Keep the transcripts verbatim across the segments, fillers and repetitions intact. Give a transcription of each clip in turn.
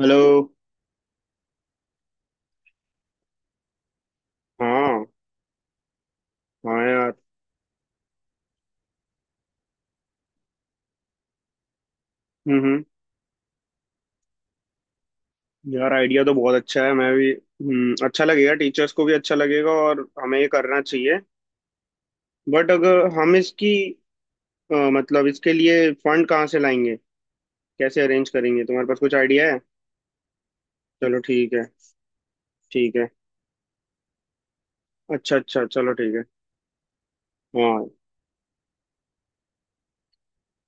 Hello. हाँ। हाँ यार। हम्म यार, आइडिया तो बहुत अच्छा है। मैं भी हम्म अच्छा लगेगा, टीचर्स को भी अच्छा लगेगा और हमें ये करना चाहिए। बट अगर हम इसकी अ, मतलब इसके लिए फंड कहाँ से लाएंगे? कैसे अरेंज करेंगे? तुम्हारे पास कुछ आइडिया है? चलो ठीक है। ठीक है। अच्छा अच्छा, चलो ठीक है। हाँ।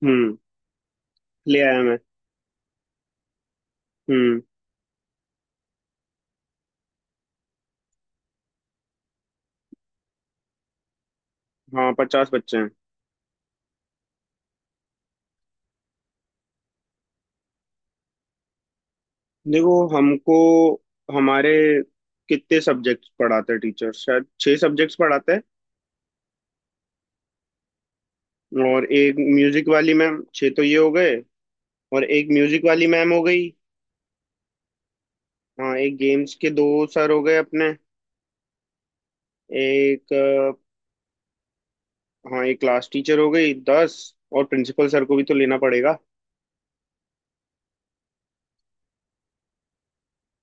हम्म। ले आया मैं। हम्म। हाँ, पचास बच्चे हैं। देखो हमको हमारे कितने सब्जेक्ट्स पढ़ाते हैं टीचर? शायद छः सब्जेक्ट्स पढ़ाते हैं। और एक म्यूजिक वाली मैम, छह तो ये हो गए। और एक म्यूजिक वाली मैम हो गई। हाँ, एक गेम्स के दो सर हो गए अपने। एक अ, हाँ, एक क्लास टीचर हो गई, दस। और प्रिंसिपल सर को भी तो लेना पड़ेगा।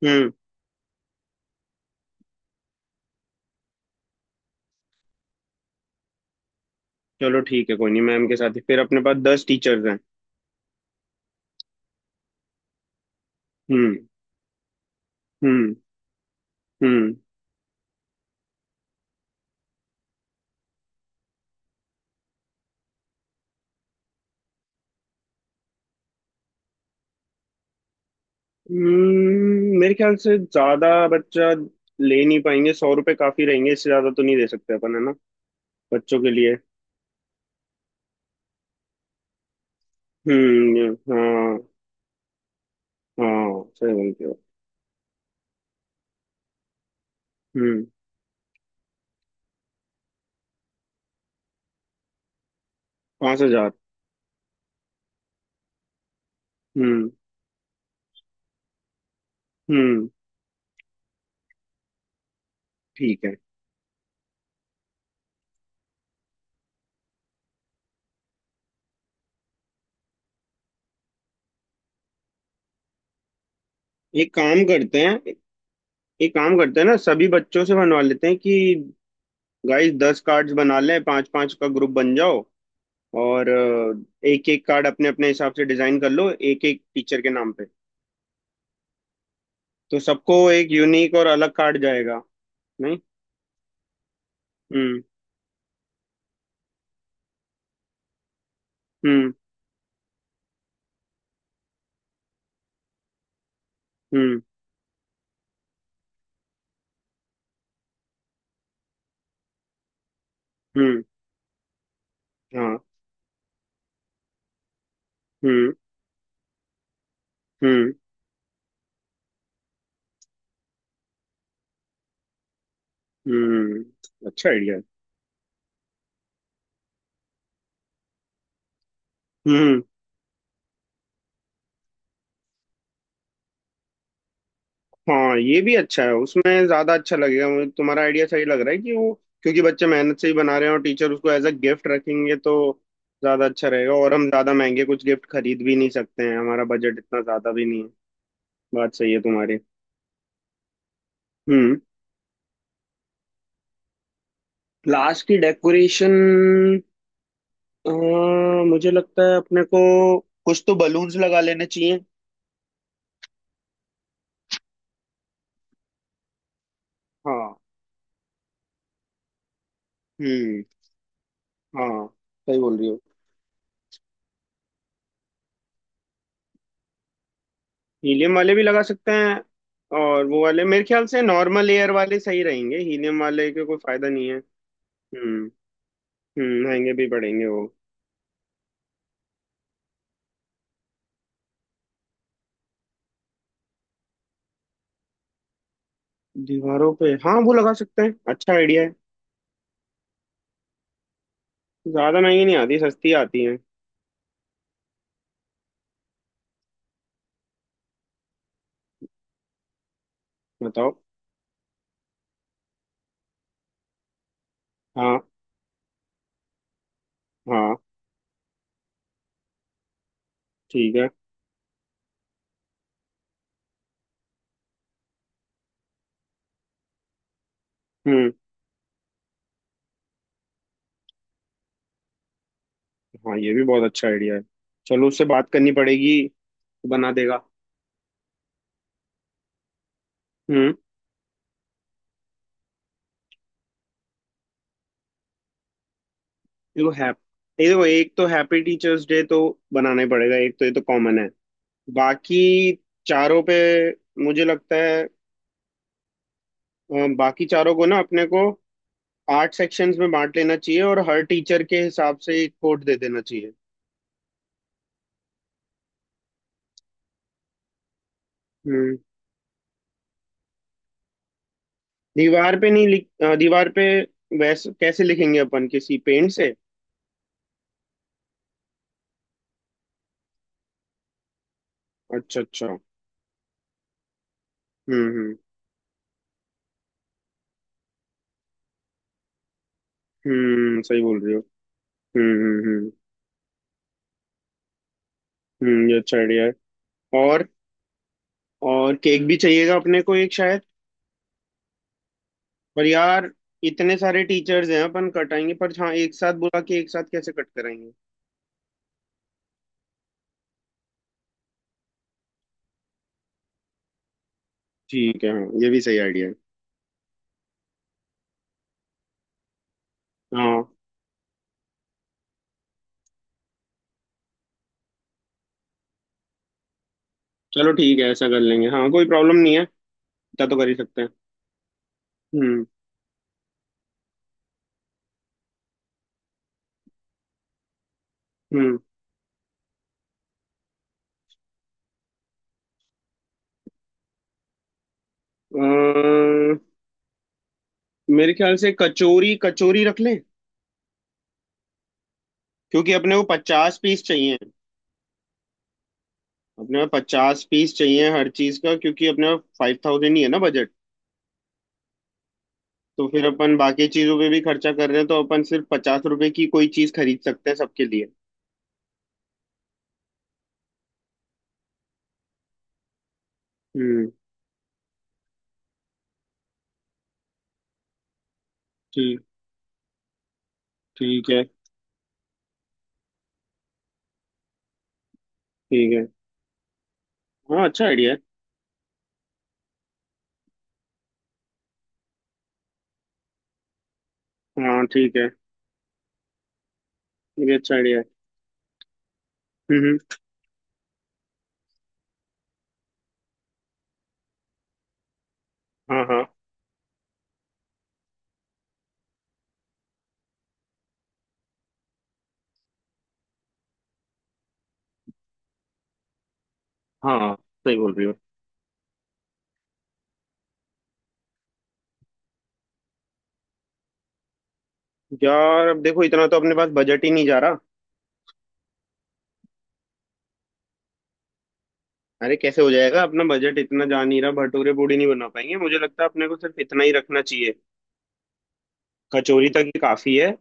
हम्म। चलो ठीक है, कोई नहीं, मैम के साथ ही फिर अपने पास दस टीचर्स हैं। हम्म। हम्म। हम्म। हम्म, मेरे ख्याल से ज्यादा बच्चा ले नहीं पाएंगे। सौ रुपये काफी रहेंगे, इससे ज्यादा तो नहीं दे सकते अपन, है ना? बच्चों के लिए। हम्म, हाँ। हाँ सही बोलते हो। हम्म। पांच हजार। हम्म। हम्म। ठीक है। एक काम करते हैं, एक काम करते हैं ना, सभी बच्चों से बनवा लेते हैं कि गाइस, दस कार्ड्स बना लें, पांच पांच का ग्रुप बन जाओ। और एक एक कार्ड अपने अपने हिसाब से डिजाइन कर लो, एक एक टीचर के नाम पे। तो सबको एक यूनिक और अलग कार्ड जाएगा। नहीं। हम्म। हम्म। हम्म। हम्म। हाँ। हम्म। हम्म। हम्म। हम्म, अच्छा आइडिया। हम्म। हाँ ये भी अच्छा है, उसमें ज्यादा अच्छा लगेगा। मुझे तुम्हारा आइडिया सही लग रहा है कि वो क्योंकि बच्चे मेहनत से ही बना रहे हैं और टीचर उसको एज अ गिफ्ट रखेंगे, तो ज्यादा अच्छा रहेगा। और हम ज्यादा महंगे कुछ गिफ्ट खरीद भी नहीं सकते हैं, हमारा बजट इतना ज्यादा भी नहीं है। बात सही है तुम्हारी। हम्म। लास्ट की डेकोरेशन। मुझे लगता है अपने को कुछ तो बलून्स लगा लेने चाहिए। हाँ। हम्म। हाँ सही बोल रही हो। हीलियम वाले भी लगा सकते हैं, और वो वाले मेरे ख्याल से नॉर्मल एयर वाले सही रहेंगे, हीलियम वाले के कोई फायदा नहीं है। हम्म। हम्म, महंगे भी पड़ेंगे वो। दीवारों पे हाँ वो लगा सकते हैं, अच्छा आइडिया है। ज्यादा महंगी नहीं आती, सस्ती आती है। बताओ। हाँ। हाँ ठीक है। हम्म। हाँ ये भी बहुत अच्छा आइडिया है। चलो उससे बात करनी पड़ेगी। बना देगा। हम्म। देखो हैप ये देखो, एक तो हैप्पी टीचर्स डे तो बनाना ही पड़ेगा, एक तो ये तो कॉमन है। बाकी चारों पे मुझे लगता है अ, बाकी चारों को ना अपने को आठ सेक्शंस में बांट लेना चाहिए और हर टीचर के हिसाब से एक कोड दे देना चाहिए। हम्म। दीवार पे नहीं लिख अ, दीवार पे वैसे कैसे लिखेंगे अपन? किसी पेंट से? अच्छा अच्छा। हम्म। हम्म। हम्म सही बोल रही हो। हम्म। हम्म। हम्म। हम्म, ये अच्छा आइडिया है। और और केक भी चाहिएगा अपने को एक शायद। पर यार, इतने सारे टीचर्स हैं अपन कटाएंगे, पर हाँ एक साथ बुला के एक साथ कैसे कट कराएंगे? ठीक है, हाँ ये भी सही आइडिया है। हाँ चलो ठीक है, ऐसा कर लेंगे, हाँ कोई प्रॉब्लम नहीं है, इतना तो कर ही सकते हैं। हम्म। हम्म अ, मेरे ख्याल से कचौरी कचौरी रख लें। क्योंकि अपने को पचास पीस चाहिए, अपने को पचास पीस चाहिए हर चीज का, क्योंकि अपने फाइव थाउजेंड ही है ना बजट। तो फिर अपन बाकी चीजों पे भी खर्चा कर रहे हैं, तो अपन सिर्फ पचास रुपए की कोई चीज खरीद सकते हैं सबके लिए। हम्म। ठीक। ठीक है। ठीक है, हाँ अच्छा आइडिया है। हाँ ठीक है, ये अच्छा आइडिया है। हम्म हम्म, हाँ। हाँ। हाँ सही बोल रही हो। यार अब देखो इतना तो अपने पास बजट ही नहीं जा रहा। अरे कैसे हो जाएगा? अपना बजट इतना जा नहीं रहा, भटूरे पूड़ी नहीं बना पाएंगे, मुझे लगता है अपने को सिर्फ इतना ही रखना चाहिए। कचौरी तक ही काफी है।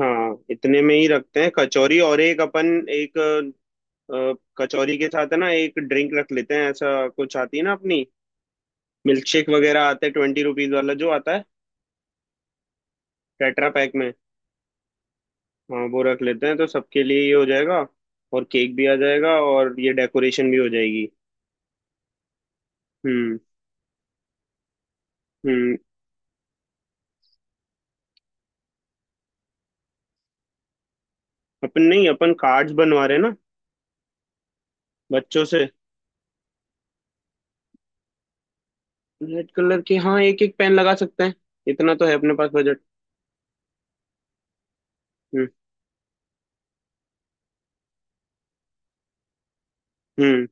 हाँ इतने में ही रखते हैं कचौरी। और एक अपन एक अ, कचौरी के साथ है ना एक ड्रिंक रख लेते हैं, ऐसा कुछ आती है ना अपनी। मिल्क शेक वगैरह आते हैं, ट्वेंटी रुपीज वाला जो आता है टेट्रा पैक में। हाँ वो रख लेते हैं, तो सबके लिए ये हो जाएगा। और केक भी आ जाएगा और ये डेकोरेशन भी हो जाएगी। हम्म। हम्म। अपन नहीं, अपन कार्ड्स बनवा रहे हैं ना बच्चों से। रेड कलर के, हाँ एक एक पेन लगा सकते हैं, इतना तो है अपने पास बजट। हम्म। हम्म।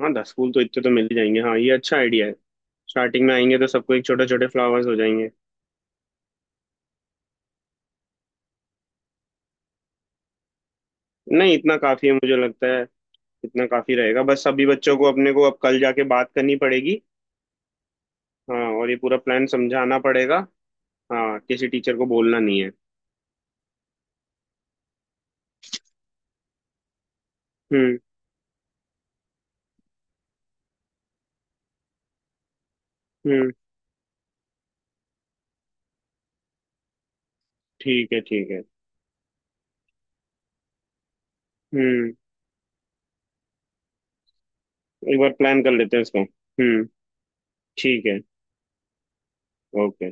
हाँ दस फूल तो इतने तो मिल ही जाएंगे, हाँ ये अच्छा आइडिया है। स्टार्टिंग में आएंगे तो सबको एक छोटे छोटे फ्लावर्स हो जाएंगे। नहीं इतना काफी है मुझे लगता है, इतना काफी रहेगा, बस सभी बच्चों को अपने को अब कल जाके बात करनी पड़ेगी। हाँ और ये पूरा प्लान समझाना पड़ेगा। हाँ किसी टीचर को बोलना नहीं है। हम्म। हम्म। ठीक है। ठीक है। हम्म। एक बार प्लान कर लेते हैं इसको। हम्म। ठीक है। ओके।